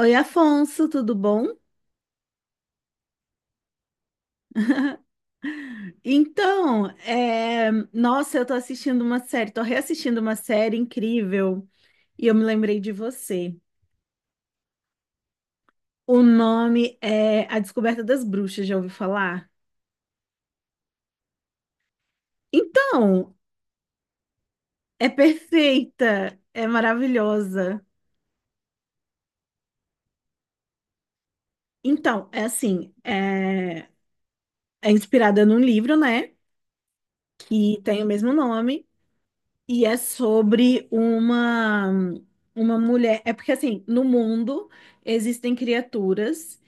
Oi, Afonso, tudo bom? Nossa, eu tô assistindo uma série, tô reassistindo uma série incrível e eu me lembrei de você. O nome é A Descoberta das Bruxas, já ouviu falar? Então, é perfeita, é maravilhosa. Então, é assim, é, é inspirada num livro, né? Que tem o mesmo nome. E é sobre uma mulher. É porque assim, no mundo existem criaturas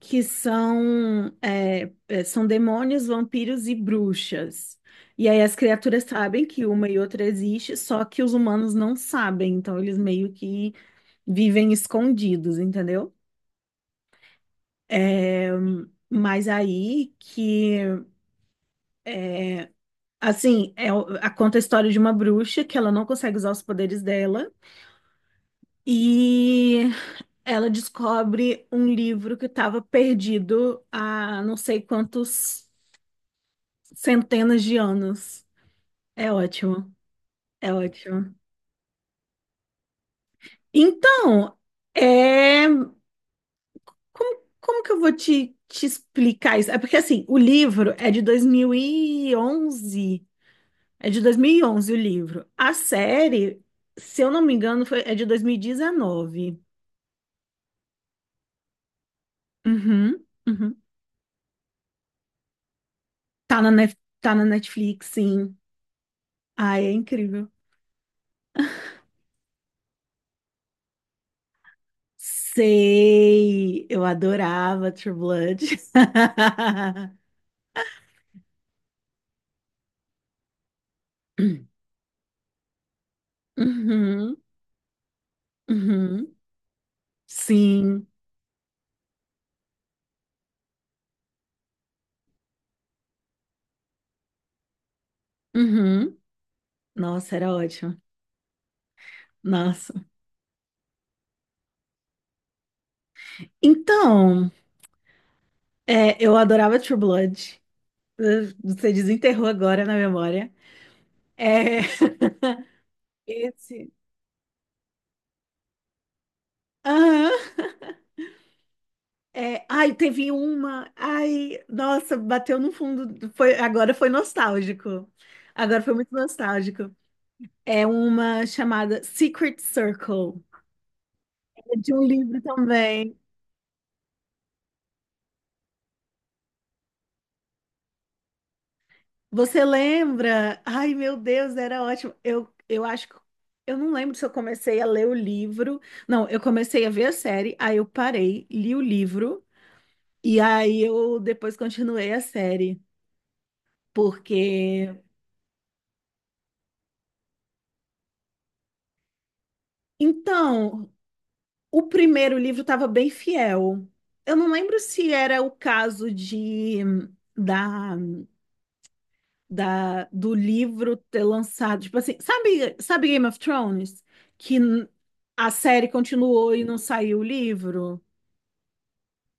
que são demônios, vampiros e bruxas. E aí as criaturas sabem que uma e outra existe, só que os humanos não sabem, então eles meio que vivem escondidos, entendeu? É, mas aí que assim, é, o- a- conta a história de uma bruxa que ela não consegue usar os poderes dela. E ela descobre um livro que estava perdido há não sei quantos centenas de anos. É ótimo, é ótimo. Então, é... como que eu vou te explicar isso? É porque, assim, o livro é de dois mil e onze. É de 2011 o livro. A série, se eu não me engano, foi... é de 2019. Uhum, uhum. Tá na Netflix, sim. Ai, é incrível. Sei, eu adorava True Blood. Uhum, uhum, sim, uhum. Nossa, era ótimo. Nossa. Então, é, eu adorava True Blood. Você desenterrou agora na memória. É, esse. Aham. É, ai, teve uma. Ai, nossa, bateu no fundo. Foi, agora foi nostálgico. Agora foi muito nostálgico. É uma chamada Secret Circle, é de um livro também. Você lembra? Ai, meu Deus, era ótimo. Eu acho que eu não lembro se eu comecei a ler o livro. Não, eu comecei a ver a série, aí eu parei, li o livro e aí eu depois continuei a série, porque então, o primeiro livro estava bem fiel. Eu não lembro se era o caso da do livro ter lançado. Tipo assim, sabe, sabe Game of Thrones? Que n- a série continuou e não saiu o livro?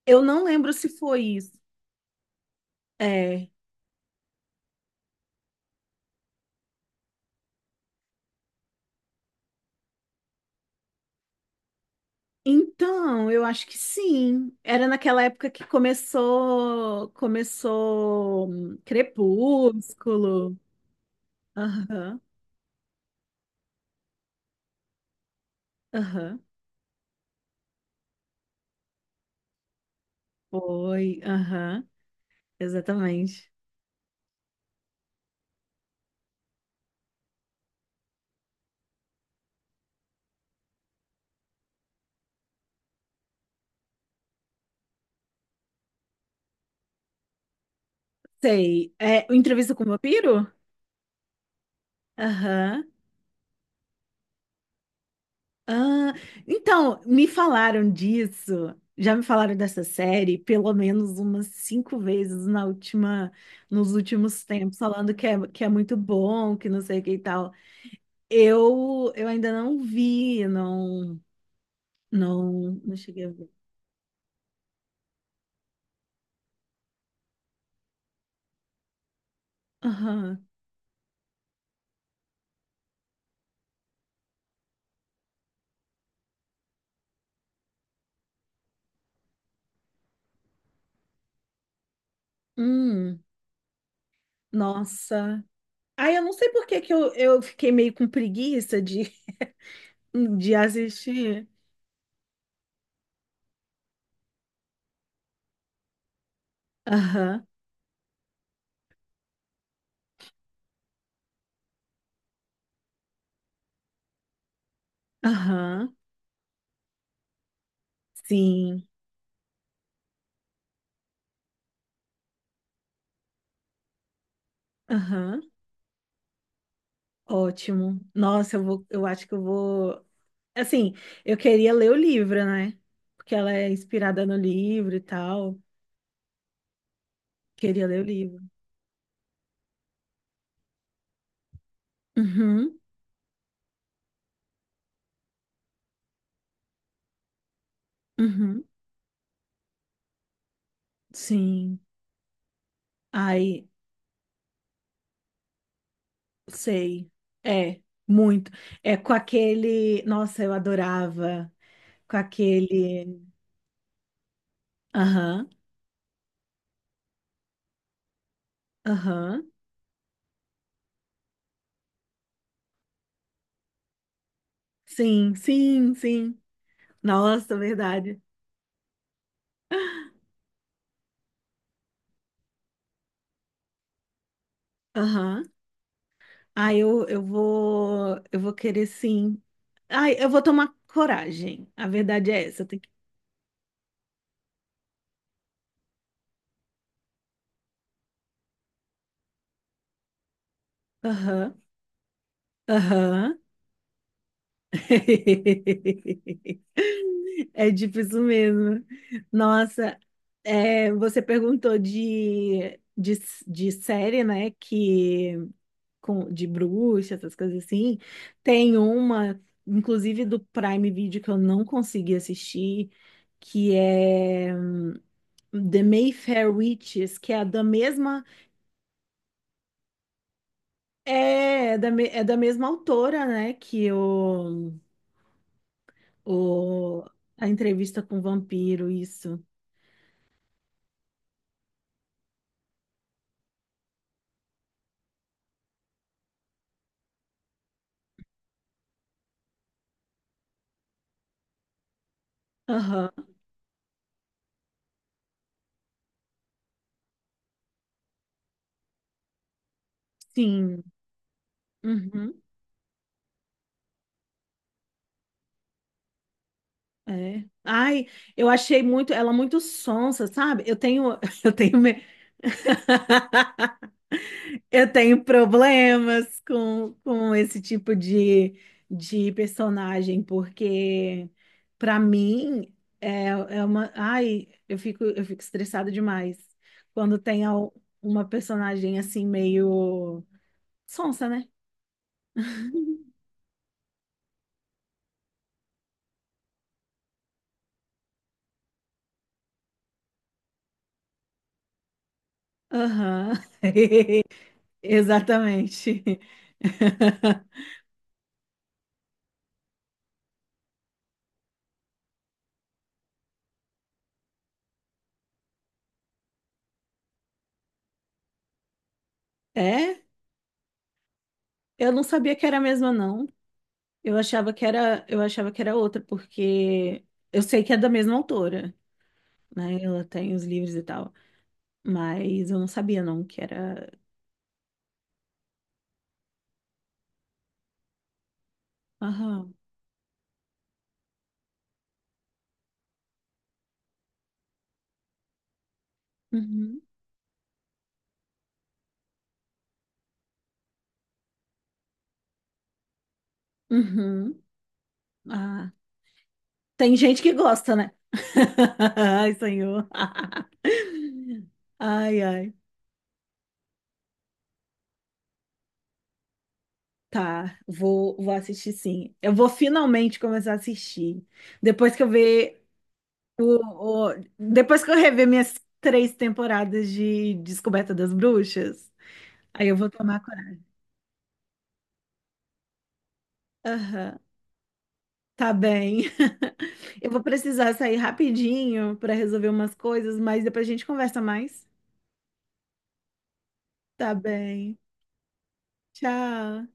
Eu não lembro se foi isso. É. Então, eu acho que sim. Era naquela época que começou Crepúsculo. Aham, aham. Foi, aham, exatamente. Sei. É, o Entrevista com o Vampiro? Aham. Ah, então, me falaram disso. Já me falaram dessa série pelo menos umas cinco vezes nos últimos tempos, falando que é muito bom, que não sei o que e tal. Eu ainda não vi, não, não, não cheguei a ver. Aham. Hum, nossa. Ai, eu não sei por que eu fiquei meio com preguiça de, de assistir. Aham, aham, sim, aham. Ótimo. Nossa, eu vou, eu acho que eu vou. Assim, eu queria ler o livro, né? Porque ela é inspirada no livro e tal. Queria ler o livro. Uhum, uhum. Sim. Ai, sei. É, muito. É com aquele. Nossa, eu adorava. Com aquele. Aham, aham. Sim, sim, sim. Nossa, verdade. Aham. Ah, eu vou querer sim. Ai, eu vou tomar coragem. A verdade é essa. Tem que. Aham, aham. É tipo isso mesmo. Nossa, é, você perguntou de série, né? Que com, de bruxa, essas coisas assim. Tem uma, inclusive do Prime Video que eu não consegui assistir, que é. The Mayfair Witches, que é da mesma é, é da, me- é da mesma autora, né? Que o a entrevista com o vampiro, isso. Aham, sim. Uhum, é. Ai, eu achei muito ela muito sonsa, sabe? Eu tenho eu tenho eu tenho problemas com esse tipo de personagem, porque para mim é, é uma. Ai, eu fico estressada demais quando tem al- uma personagem assim meio sonsa, né? Aham, exatamente. É? Eu não sabia que era a mesma, não. Eu achava que era outra, porque eu sei que é da mesma autora, né? Ela tem os livros e tal. Mas eu não sabia, não, que era. Aham. Uhum. Uhum. Ah. Tem gente que gosta, né? Ai, senhor. Ai, ai. Vou assistir sim. Eu vou finalmente começar a assistir. Depois que eu ver Depois que eu rever minhas 3 temporadas de Descoberta das Bruxas, aí eu vou tomar coragem. Aham. Tá bem. Eu vou precisar sair rapidinho para resolver umas coisas, mas depois a gente conversa mais. Tá bem. Tchau.